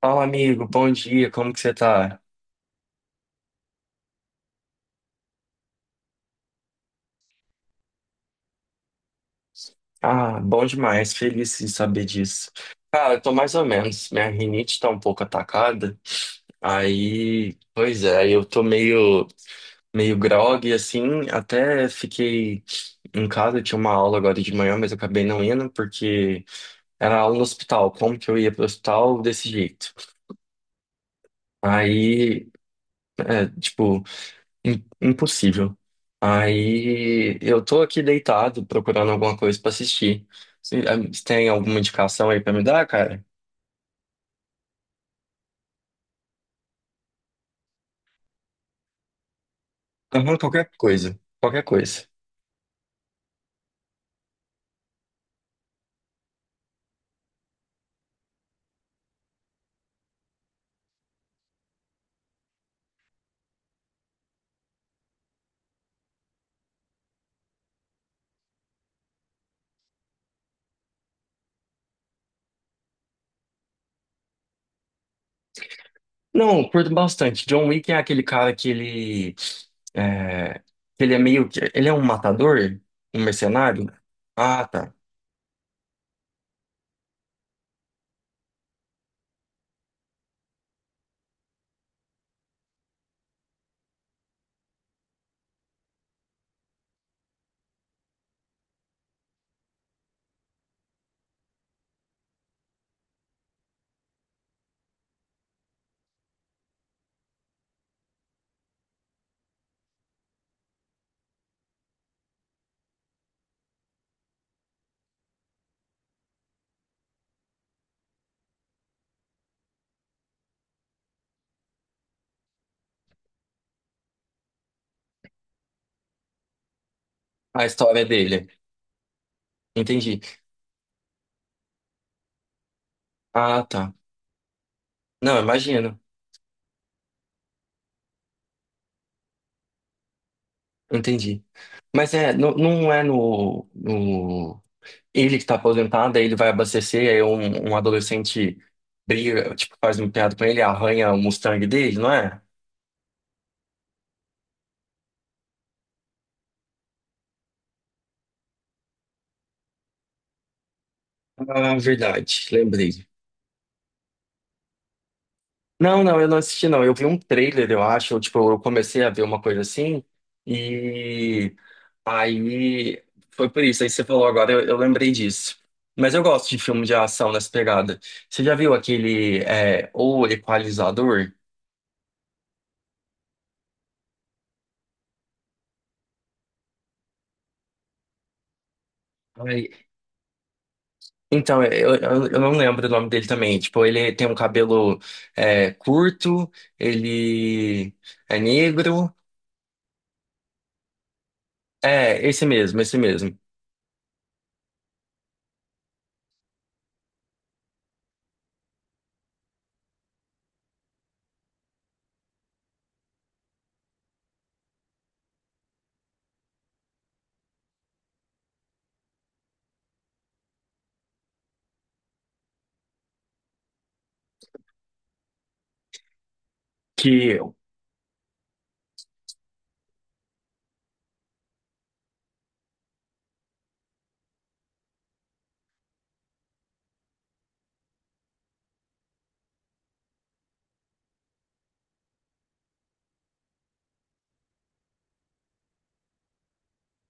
Fala, amigo, bom dia, como que você tá? Ah, bom demais, feliz de saber disso. Cara, eu tô mais ou menos, minha rinite tá um pouco atacada, aí, pois é, eu tô meio grogue, assim, até fiquei em casa, tinha uma aula agora de manhã, mas eu acabei não indo, porque era aula no hospital, como que eu ia pro hospital desse jeito? Aí, é, tipo, impossível. Aí eu tô aqui deitado procurando alguma coisa pra assistir. Você tem alguma indicação aí pra me dar, cara? Aham, qualquer coisa. Qualquer coisa. Não, eu curto bastante. John Wick é aquele cara que ele. É, ele é meio que. Ele é um matador? Um mercenário? Ah, tá. A história dele. Entendi. Ah, tá. Não, imagino. Entendi. Mas é, não, não é no. Ele que tá aposentado, aí ele vai abastecer, aí um adolescente briga, tipo, faz uma piada com ele, arranha o Mustang dele, não é? Ah, verdade, lembrei. Não, não, eu não assisti, não. Eu vi um trailer, eu acho, eu, tipo, eu comecei a ver uma coisa assim, e aí foi por isso, aí você falou agora, eu lembrei disso. Mas eu gosto de filme de ação nessa pegada. Você já viu aquele, é, O Equalizador? Ai, então, é, eu não lembro o nome dele também. Tipo, ele tem um cabelo é, curto, ele é negro. É, esse mesmo, esse mesmo. Que.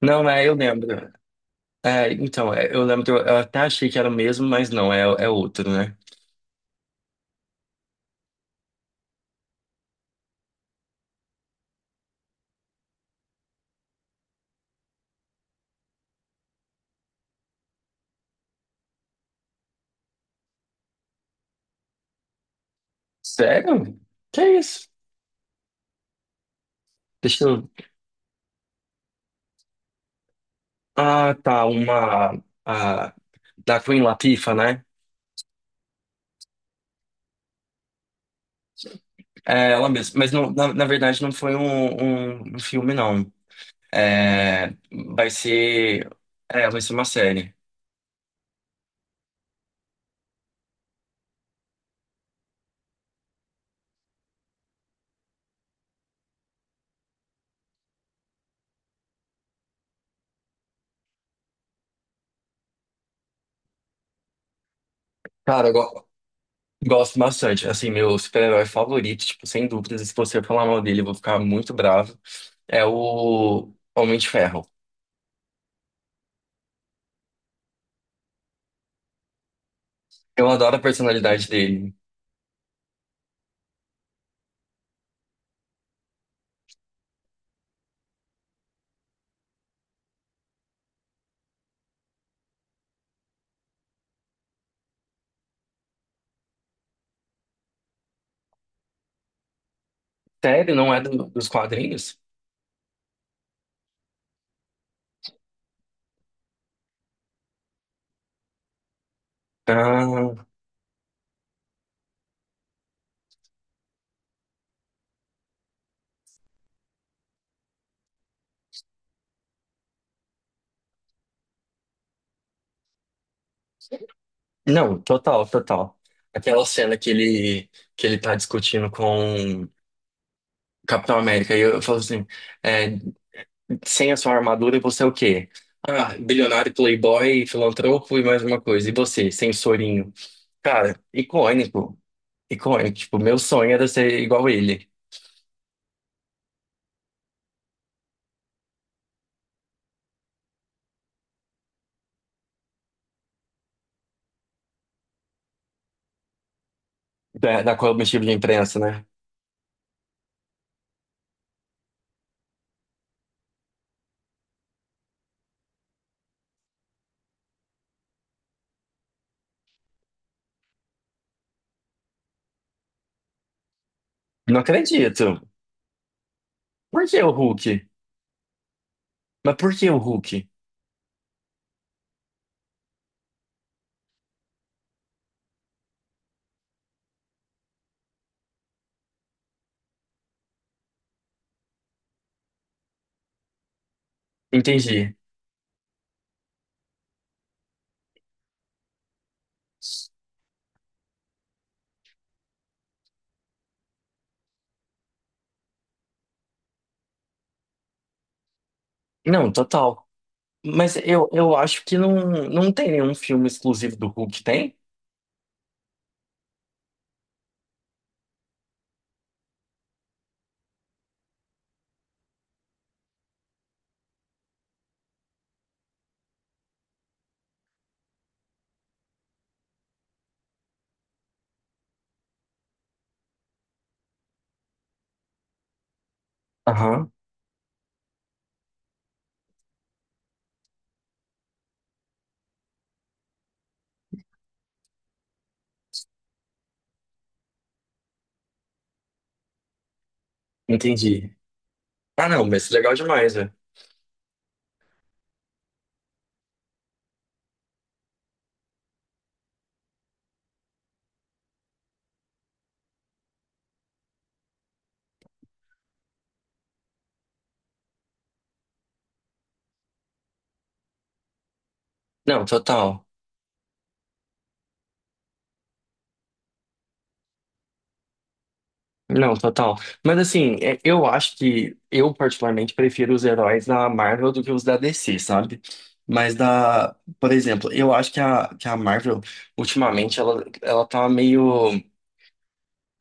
Não, é, eu lembro. É, então, é, eu lembro, eu até achei que era o mesmo, mas não, é, é outro, né? Sério? Que isso? Deixa eu. Ah, tá, uma. A, da Queen Latifah, né? É ela mesma. Mas não, na verdade não foi um, um filme, não. É, vai ser. É, vai ser uma série. Cara, gosto bastante. Assim, meu super-herói favorito, tipo, sem dúvidas, se você falar mal dele, eu vou ficar muito bravo. É o Homem de Ferro. Eu adoro a personalidade dele. Sério, não é do- dos quadrinhos? Ah, não, total, total. Aquela cena que ele tá discutindo com o Capitão América, e eu falo assim. É, sem a sua armadura, você é o quê? Ah, bilionário, playboy, filantropo e mais uma coisa. E você, sensorinho? Cara, icônico. Icônico. Tipo, meu sonho era ser igual ele. Da, da coletiva de imprensa, né? Não acredito. Por que o Hulk? Mas por que o Hulk? Entendi. Não, total. Mas eu acho que não, não tem nenhum filme exclusivo do Hulk, tem? Aham, entendi. Ah, não, mas legal demais, velho. Não, total. Não, total. Mas assim, é- eu acho que eu particularmente prefiro os heróis da Marvel do que os da DC, sabe? Mas da, por exemplo, eu acho que a Marvel ultimamente ela, ela tá meio,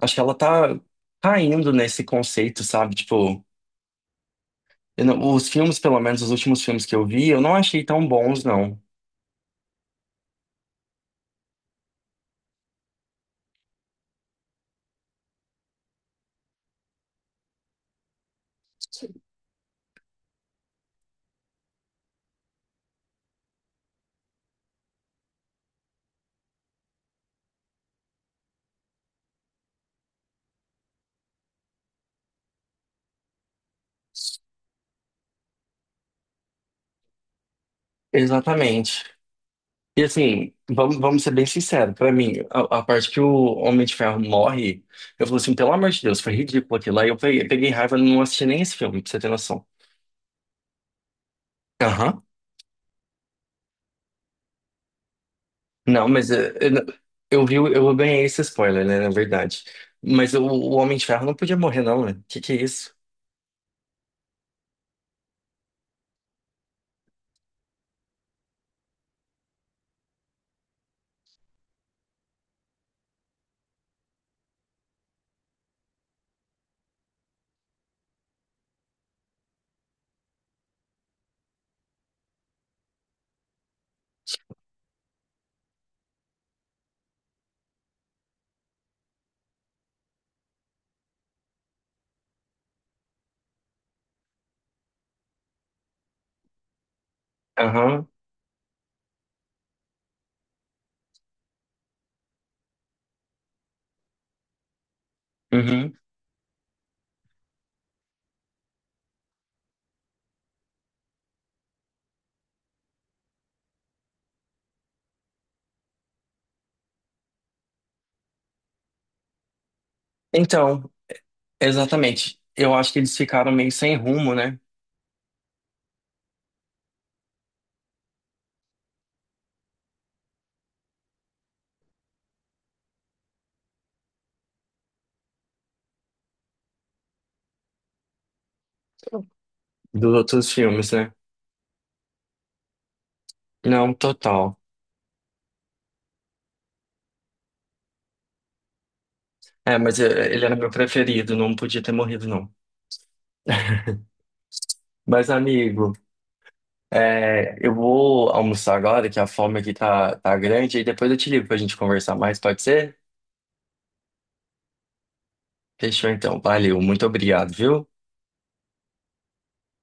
acho que ela tá caindo nesse conceito, sabe? Tipo, eu não- os filmes, pelo menos os últimos filmes que eu vi, eu não achei tão bons, não. Exatamente. E assim, vamos, vamos ser bem sinceros. Pra mim, a parte que o Homem de Ferro morre, eu falo assim, pelo amor de Deus, foi ridículo aquilo lá. Eu peguei, peguei raiva e não assisti nem esse filme, pra você ter noção. Aham. Não, mas eu, não- eu vi, o- eu ganhei esse spoiler, né, na verdade. Mas o Homem de Ferro não podia morrer, não, né? Que é isso? Aham. Uhum. Então, exatamente. Eu acho que eles ficaram meio sem rumo, né? Dos outros filmes, né? Não, total. É, mas ele era meu preferido, não podia ter morrido, não. Mas, amigo, é, eu vou almoçar agora, que a fome aqui tá, tá grande, e depois eu te ligo pra gente conversar mais, pode ser? Fechou então, valeu, muito obrigado, viu?